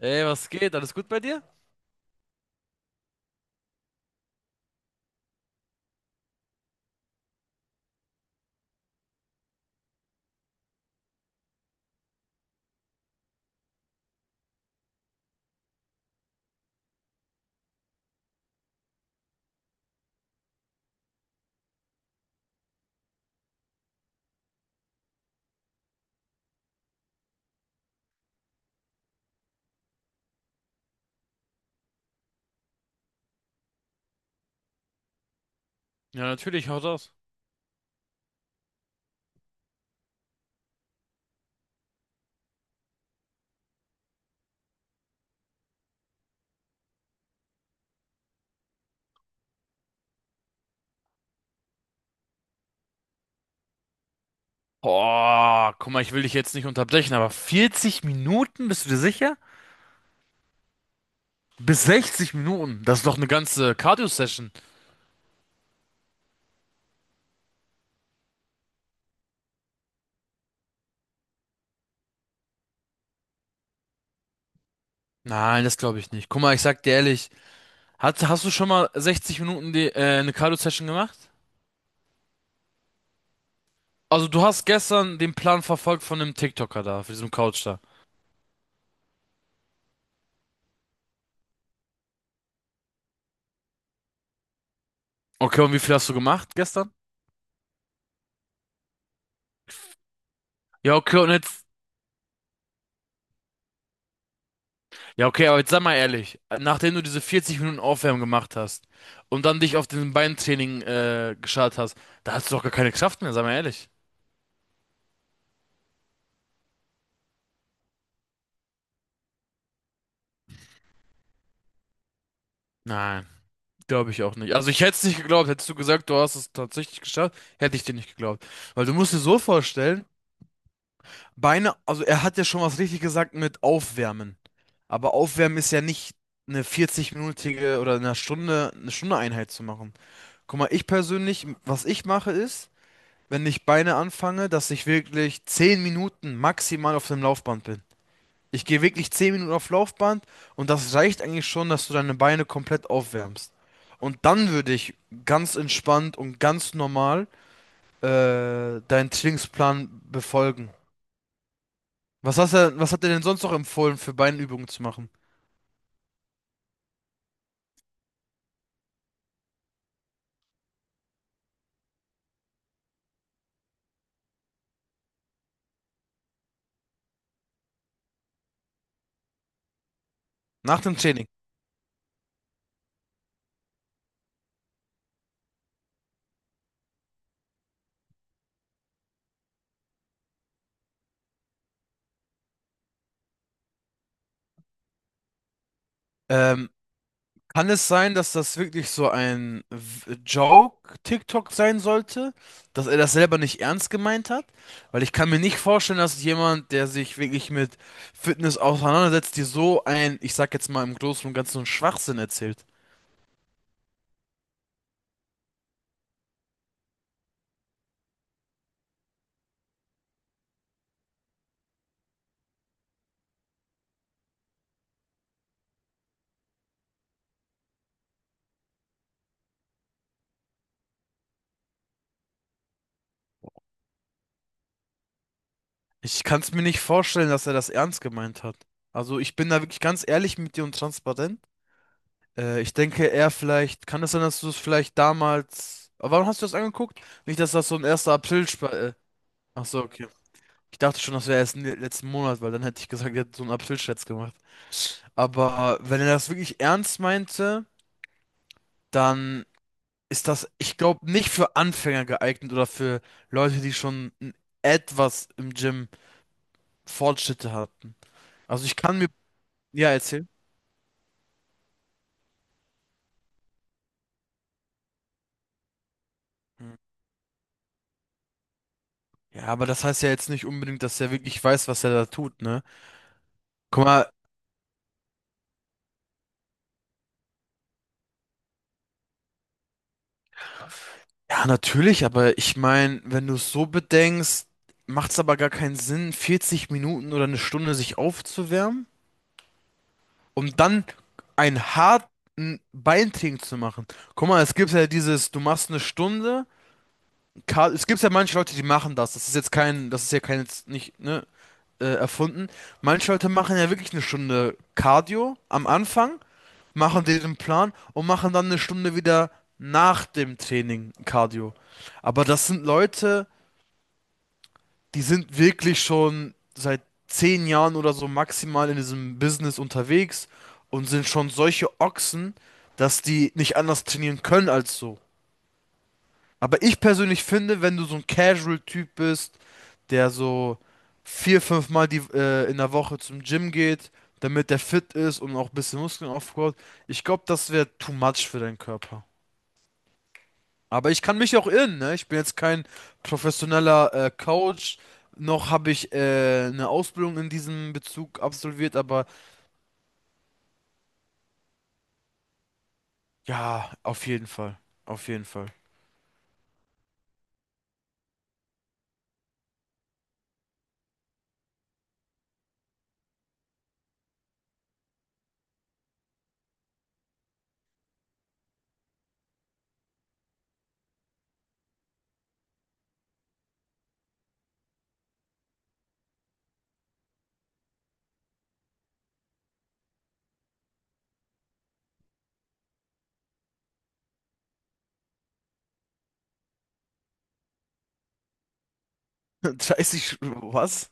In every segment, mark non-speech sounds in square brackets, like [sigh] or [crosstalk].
Ey, was geht? Alles gut bei dir? Ja, natürlich, haut aus. Oh, guck mal, ich will dich jetzt nicht unterbrechen, aber 40 Minuten, bist du dir sicher? Bis 60 Minuten, das ist doch eine ganze Cardio-Session. Nein, das glaube ich nicht. Guck mal, ich sag dir ehrlich, hast du schon mal 60 Minuten eine Cardio-Session gemacht? Also du hast gestern den Plan verfolgt von dem TikToker da, von diesem Couch da. Okay, und wie viel hast du gemacht gestern? Ja, okay, und jetzt. Ja, okay, aber jetzt sag mal ehrlich, nachdem du diese 40 Minuten Aufwärmen gemacht hast und dann dich auf den Beintraining geschart hast, da hast du doch gar keine Kraft mehr, sag mal ehrlich. Nein, glaube ich auch nicht. Also ich hätte es nicht geglaubt, hättest du gesagt, du hast es tatsächlich geschafft, hätte ich dir nicht geglaubt. Weil du musst dir so vorstellen, Beine, also er hat ja schon was richtig gesagt mit Aufwärmen. Aber Aufwärmen ist ja nicht eine 40-minütige oder eine Stunde Einheit zu machen. Guck mal, ich persönlich, was ich mache ist, wenn ich Beine anfange, dass ich wirklich 10 Minuten maximal auf dem Laufband bin. Ich gehe wirklich 10 Minuten auf Laufband und das reicht eigentlich schon, dass du deine Beine komplett aufwärmst. Und dann würde ich ganz entspannt und ganz normal deinen Trainingsplan befolgen. Was hat er denn sonst noch empfohlen, für Beinübungen zu machen? Nach dem Training. Ähm, Kann es sein, dass das wirklich so ein Joke-TikTok sein sollte? Dass er das selber nicht ernst gemeint hat? Weil ich kann mir nicht vorstellen, dass jemand, der sich wirklich mit Fitness auseinandersetzt, dir so ein, ich sag jetzt mal im Großen und Ganzen, Schwachsinn erzählt. Ich kann es mir nicht vorstellen, dass er das ernst gemeint hat. Also ich bin da wirklich ganz ehrlich mit dir und transparent. Ich denke, er vielleicht, kann es sein, dass du es vielleicht damals. Aber warum hast du das angeguckt? Nicht, dass das so ein erster April. Ach so, okay. Ich dachte schon, das wäre erst letzten Monat, weil dann hätte ich gesagt, er hat so einen April-Scherz gemacht. Aber wenn er das wirklich ernst meinte, dann ist das, ich glaube, nicht für Anfänger geeignet oder für Leute, die schon etwas im Gym Fortschritte hatten. Also ich kann mir, ja, erzählen. Hm. Ja, aber das heißt ja jetzt nicht unbedingt, dass er wirklich weiß, was er da tut, ne? Guck mal, ja, natürlich, aber ich meine, wenn du es so bedenkst, macht es aber gar keinen Sinn, 40 Minuten oder eine Stunde sich aufzuwärmen, um dann einen harten Beintraining zu machen. Guck mal, es gibt ja dieses, du machst eine Stunde, es gibt ja manche Leute, die machen das. Das ist jetzt kein, das ist ja kein, jetzt nicht, ne, erfunden. Manche Leute machen ja wirklich eine Stunde Cardio am Anfang, machen den Plan und machen dann eine Stunde wieder nach dem Training Cardio. Aber das sind Leute, die sind wirklich schon seit 10 Jahren oder so maximal in diesem Business unterwegs und sind schon solche Ochsen, dass die nicht anders trainieren können als so. Aber ich persönlich finde, wenn du so ein Casual-Typ bist, der so vier, fünf Mal in der Woche zum Gym geht, damit der fit ist und auch ein bisschen Muskeln aufbaut, ich glaube, das wäre too much für deinen Körper. Aber ich kann mich auch irren, ne? Ich bin jetzt kein professioneller Coach, noch habe ich eine Ausbildung in diesem Bezug absolviert, aber ja, auf jeden Fall. Auf jeden Fall. [laughs] 30, was?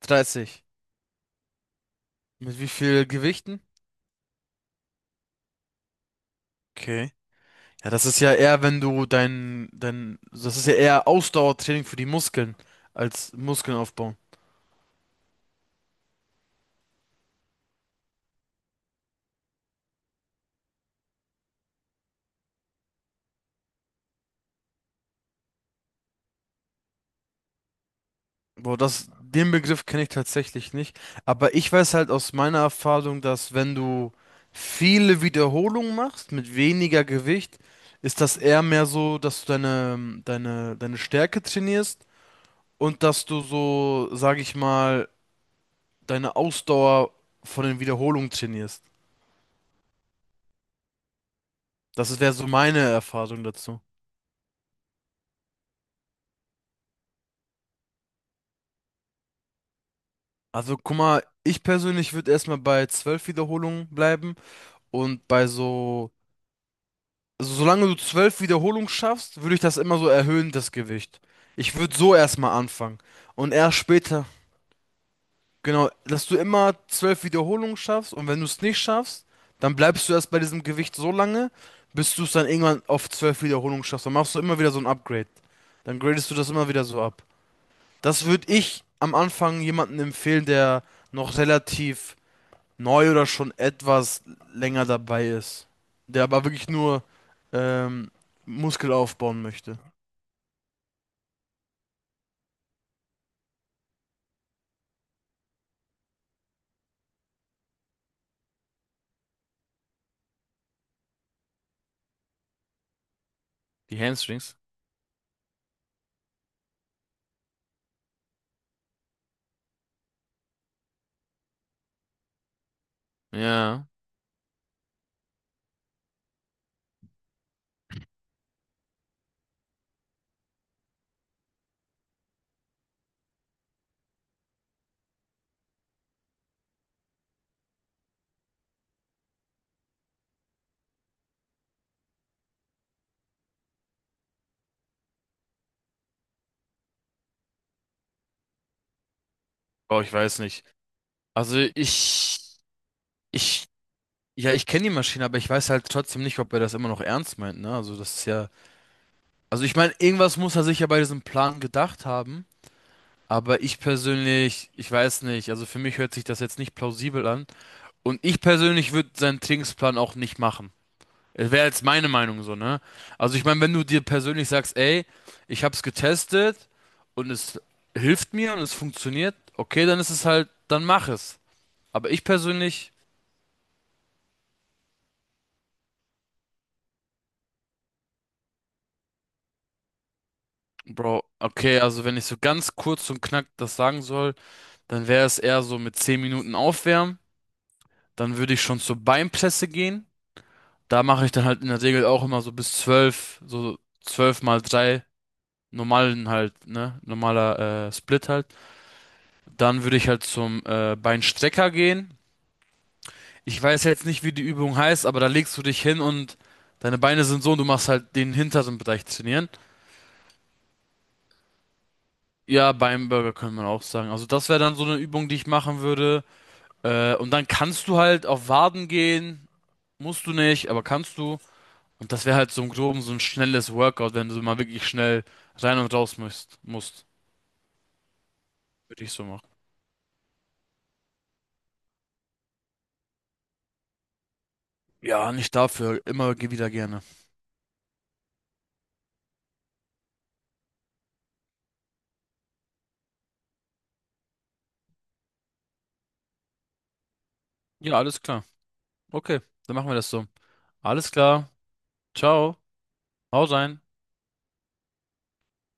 30. Mit wie viel Gewichten? Okay. Ja, das ist ja eher, wenn du dein, dein, das ist ja eher Ausdauertraining für die Muskeln als Muskeln aufbauen. Boah, den Begriff kenne ich tatsächlich nicht. Aber ich weiß halt aus meiner Erfahrung, dass wenn du viele Wiederholungen machst mit weniger Gewicht, ist das eher mehr so, dass du deine Stärke trainierst und dass du so, sag ich mal, deine Ausdauer von den Wiederholungen trainierst. Das wäre so meine Erfahrung dazu. Also guck mal, ich persönlich würde erstmal bei 12 Wiederholungen bleiben und bei so also solange du 12 Wiederholungen schaffst, würde ich das immer so erhöhen, das Gewicht. Ich würde so erstmal anfangen. Und erst später, genau, dass du immer 12 Wiederholungen schaffst und wenn du es nicht schaffst, dann bleibst du erst bei diesem Gewicht so lange, bis du es dann irgendwann auf 12 Wiederholungen schaffst. Dann machst du immer wieder so ein Upgrade. Dann gradest du das immer wieder so ab. Das würde ich am Anfang jemandem empfehlen, der noch relativ neu oder schon etwas länger dabei ist. Der aber wirklich nur ähm, Muskel aufbauen möchte. Die Hamstrings? Ja. Oh, ich weiß nicht. Also ich, ja, ich kenne die Maschine, aber ich weiß halt trotzdem nicht, ob er das immer noch ernst meint, ne? Also das ist ja, also ich meine, irgendwas muss er sich ja bei diesem Plan gedacht haben. Aber ich persönlich, ich weiß nicht, also für mich hört sich das jetzt nicht plausibel an. Und ich persönlich würde seinen Trainingsplan auch nicht machen. Wäre jetzt meine Meinung so, ne? Also ich meine, wenn du dir persönlich sagst, ey, ich hab's getestet und es hilft mir und es funktioniert, okay, dann ist es halt, dann mach es. Aber ich persönlich, Bro, okay, also wenn ich so ganz kurz und knack das sagen soll, dann wäre es eher so mit 10 Minuten aufwärmen, dann würde ich schon zur Beinpresse gehen. Da mache ich dann halt in der Regel auch immer so bis 12 so 12 mal 3 normalen halt, ne? Normaler Split halt. Dann würde ich halt zum Beinstrecker gehen. Ich weiß jetzt nicht, wie die Übung heißt, aber da legst du dich hin und deine Beine sind so und du machst halt den hinteren Bereich trainieren. Ja, Beinburger könnte man auch sagen. Also das wäre dann so eine Übung, die ich machen würde. Und dann kannst du halt auf Waden gehen. Musst du nicht, aber kannst du. Und das wäre halt so im Groben so ein schnelles Workout, wenn du mal wirklich schnell rein und raus musst. Würde ich so machen. Ja, nicht dafür. Immer wieder gerne. Ja, alles klar. Okay, dann machen wir das so. Alles klar. Ciao. Hau rein.